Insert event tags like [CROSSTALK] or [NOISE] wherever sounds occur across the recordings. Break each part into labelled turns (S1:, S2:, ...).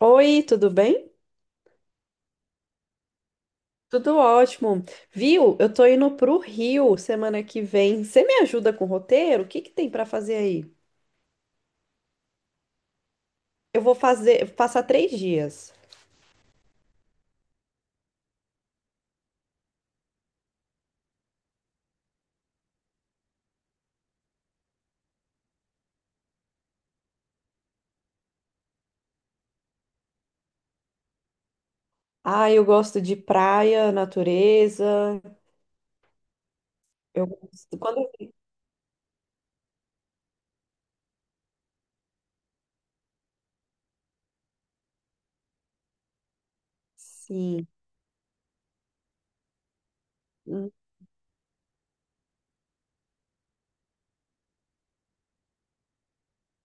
S1: Oi, tudo bem? Tudo ótimo. Viu? Eu tô indo pro Rio semana que vem. Você me ajuda com o roteiro? O que que tem pra fazer aí? Passar 3 dias. Ah, eu gosto de praia, natureza. Eu gosto. Sim. Hum,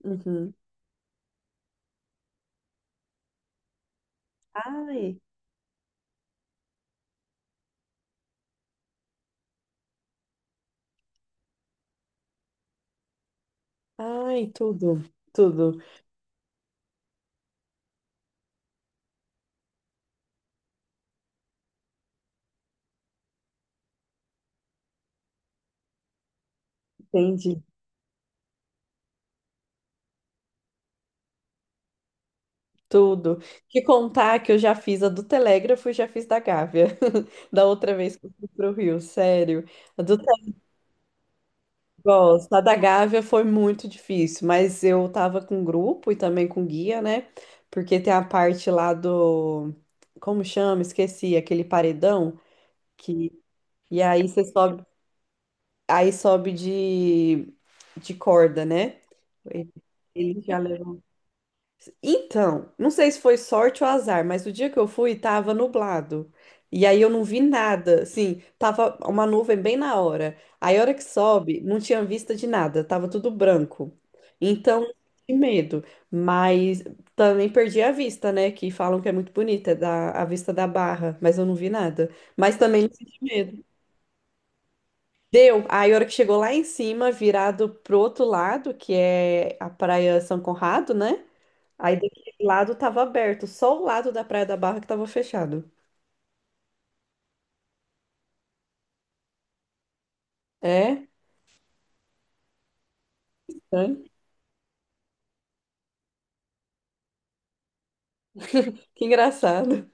S1: uhum. Ai, ai, tudo, tudo. Entendi. Tudo. Te contar que eu já fiz a do Telégrafo e já fiz da Gávea. [LAUGHS] Da outra vez que eu fui pro Rio, sério. A do Gosto. A da Gávea foi muito difícil, mas eu tava com grupo e também com guia, né? Porque tem a parte lá do. Como chama? Esqueci, aquele paredão que. E aí você sobe, aí sobe de corda, né? Ele ele já leva. Então, não sei se foi sorte ou azar, mas o dia que eu fui tava nublado. E aí eu não vi nada, assim, tava uma nuvem bem na hora. Aí a hora que sobe, não tinha vista de nada, tava tudo branco. Então, que medo. Mas também perdi a vista, né? Que falam que é muito bonita, a vista da Barra, mas eu não vi nada. Mas também não senti medo. Deu. Aí a hora que chegou lá em cima, virado pro outro lado, que é a Praia São Conrado, né? Aí daquele lado tava aberto, só o lado da Praia da Barra que tava fechado. É? Né? Que engraçado.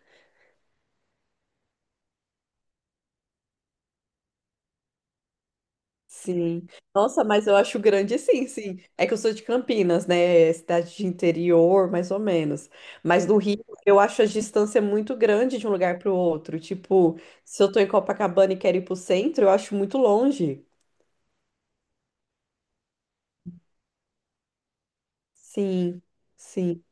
S1: Sim. Nossa, mas eu acho grande, sim, sim. É que eu sou de Campinas, né? É cidade de interior, mais ou menos. Mas do Rio, eu acho a distância muito grande de um lugar para o outro. Tipo, se eu tô em Copacabana e quero ir pro centro, eu acho muito longe. Sim, sim,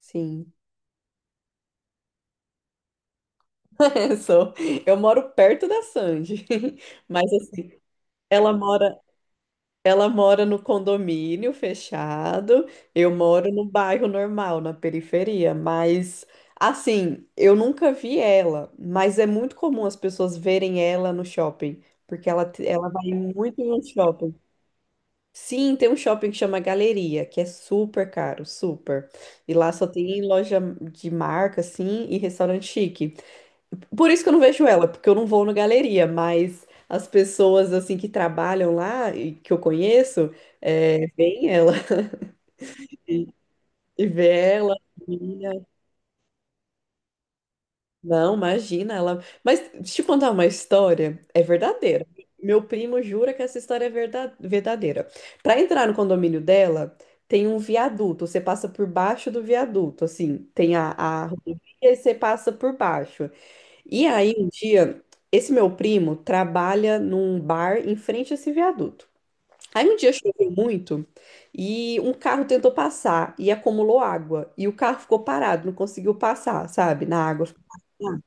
S1: sim. [LAUGHS] Sou. Eu moro perto da Sandy. [LAUGHS] Mas assim, ela mora. Ela mora no condomínio fechado, eu moro no bairro normal, na periferia, mas assim, eu nunca vi ela, mas é muito comum as pessoas verem ela no shopping, porque ela vai muito no shopping. Sim, tem um shopping que chama Galeria, que é super caro, super. E lá só tem loja de marca, assim, e restaurante chique. Por isso que eu não vejo ela, porque eu não vou na galeria, mas as pessoas assim que trabalham lá e que eu conheço, vem ela [LAUGHS] e vê ela. Menina. Não, imagina ela. Mas deixa eu contar uma história, é verdadeira. Meu primo jura que essa história é verdadeira. Para entrar no condomínio dela, tem um viaduto, você passa por baixo do viaduto, assim, tem a rodovia e você passa por baixo. E aí, um dia, esse meu primo trabalha num bar em frente a esse viaduto. Aí um dia choveu muito e um carro tentou passar e acumulou água. E o carro ficou parado, não conseguiu passar, sabe? Na água, ficou parado.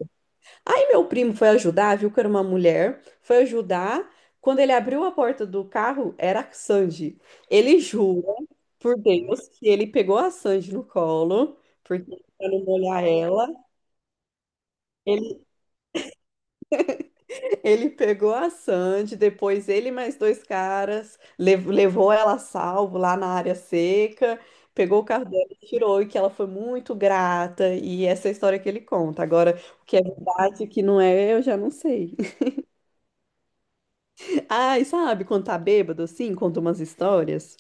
S1: Aí meu primo foi ajudar, viu que era uma mulher, foi ajudar. Quando ele abriu a porta do carro, era a Sandy. Ele jura por Deus que ele pegou a Sandy no colo, porque para não molhar ela. Ele pegou a Sandy, depois ele e mais dois caras, levou ela a salvo lá na área seca, pegou o carro dela e tirou, e que ela foi muito grata, e essa é a história que ele conta. Agora, o que é verdade, o que não é, eu já não sei. [LAUGHS] Ah, e sabe, quando tá bêbado assim, conta umas histórias.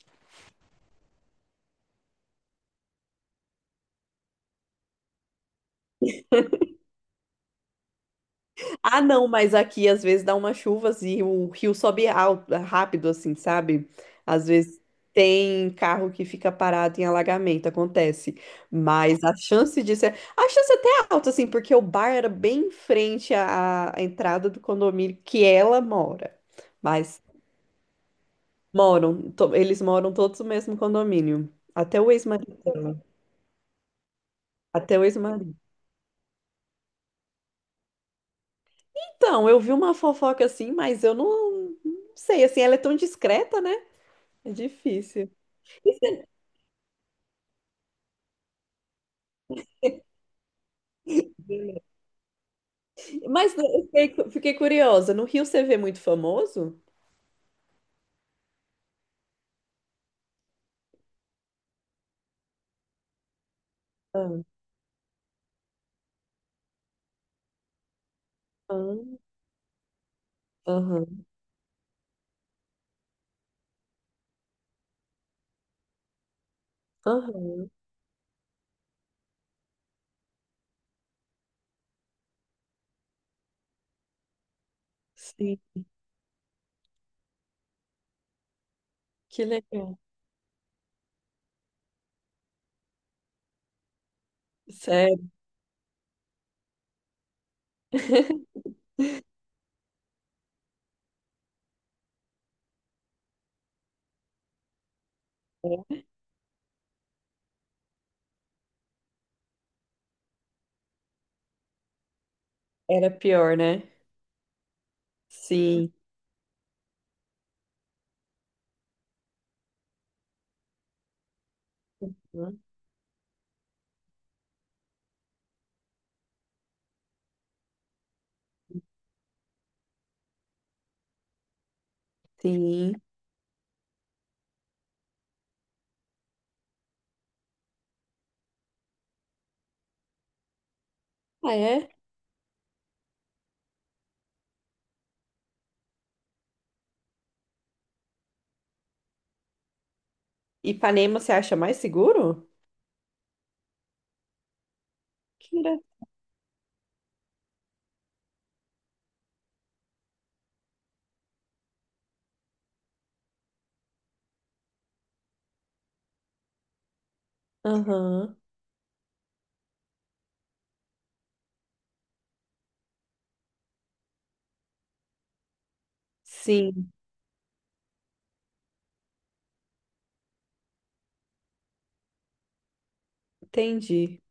S1: Ah, não, mas aqui às vezes dá umas chuvas e o rio sobe alto, rápido, assim, sabe? Às vezes tem carro que fica parado em alagamento, acontece. Mas a chance disso é. A chance até é alta, assim, porque o bar era bem em frente à entrada do condomínio que ela mora. Mas moram, eles moram todos no mesmo condomínio. Até o ex-marido dela. Até o ex-marido. Então, eu vi uma fofoca assim, mas eu não sei, assim, ela é tão discreta, né? É difícil. Mas eu fiquei, fiquei curiosa. No Rio você vê muito famoso? Ah, ah, aham, aham. Sim, que legal. Sério. [LAUGHS] Era pior, né? Sim, sim. Ah, é? Ipanema você acha mais seguro? Que engra- Aham, sim, entendi.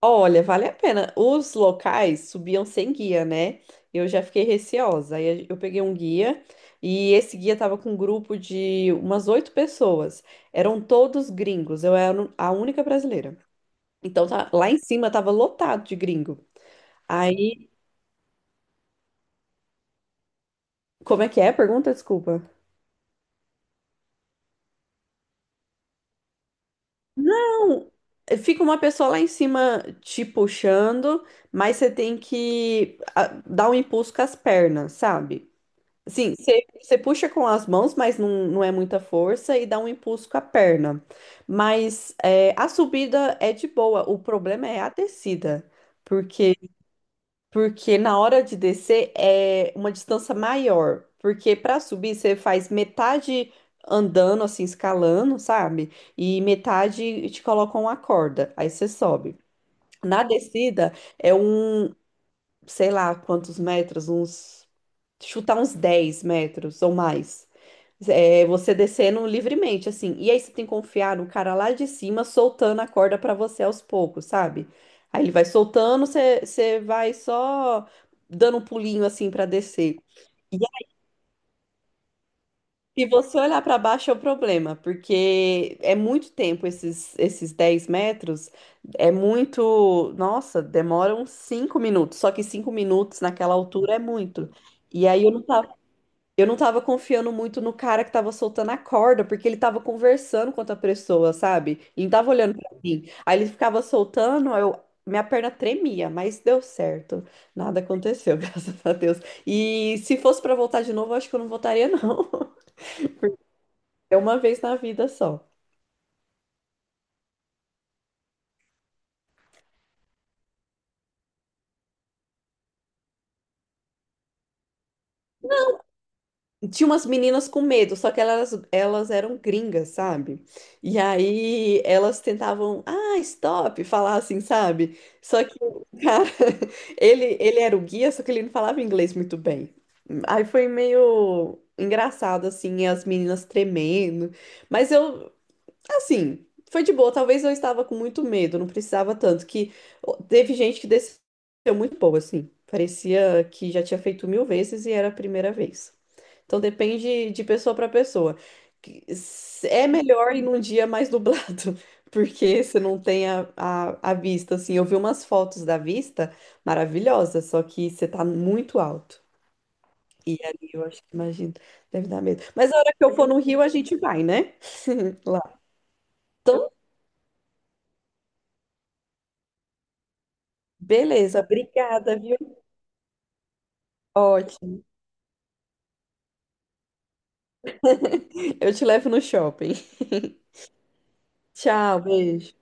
S1: Olha, vale a pena. Os locais subiam sem guia, né? Eu já fiquei receosa. Aí eu peguei um guia e esse guia tava com um grupo de umas oito pessoas. Eram todos gringos. Eu era a única brasileira. Então lá em cima tava lotado de gringo. Aí, como é que é? Pergunta, desculpa. Não, fica uma pessoa lá em cima te puxando, mas você tem que dar um impulso com as pernas, sabe? Sim, você puxa com as mãos, mas não é muita força e dá um impulso com a perna. Mas a subida é de boa, o problema é a descida, porque porque na hora de descer é uma distância maior, porque para subir você faz metade andando assim, escalando, sabe? E metade te colocam uma corda, aí você sobe. Na descida é um, sei lá quantos metros, uns, chutar uns 10 metros ou mais. É, você descendo livremente, assim. E aí você tem que confiar no cara lá de cima soltando a corda pra você aos poucos, sabe? Aí ele vai soltando, você vai só dando um pulinho assim pra descer. Se você olhar para baixo é o problema, porque é muito tempo esses 10 metros, é muito. Nossa, demoram 5 minutos, só que 5 minutos naquela altura é muito. E aí eu não tava confiando muito no cara que tava soltando a corda, porque ele tava conversando com outra pessoa, sabe? E não tava olhando pra mim. Aí ele ficava soltando, aí eu. Minha perna tremia, mas deu certo. Nada aconteceu, [LAUGHS] graças a Deus. E se fosse para voltar de novo, eu acho que eu não voltaria, não. É uma vez na vida só. Tinha umas meninas com medo, só que elas eram gringas, sabe? E aí elas tentavam, ah, stop, falar assim, sabe? Só que o cara, [LAUGHS] ele era o guia, só que ele não falava inglês muito bem. Aí foi meio engraçado, assim, as meninas tremendo. Mas eu, Assim, foi de boa. Talvez eu estava com muito medo, não precisava tanto. Que teve gente que desceu muito boa, assim. Parecia que já tinha feito mil vezes e era a primeira vez. Então depende de pessoa para pessoa. É melhor ir num dia mais nublado, [LAUGHS] porque você não tem a vista, assim. Eu vi umas fotos da vista maravilhosas, só que você tá muito alto. E ali eu acho que imagino, deve dar medo. Mas a hora que eu for no Rio, a gente vai, né? [LAUGHS] Lá. Então, beleza, obrigada, viu? Ótimo. Eu te levo no shopping. Tchau, beijo.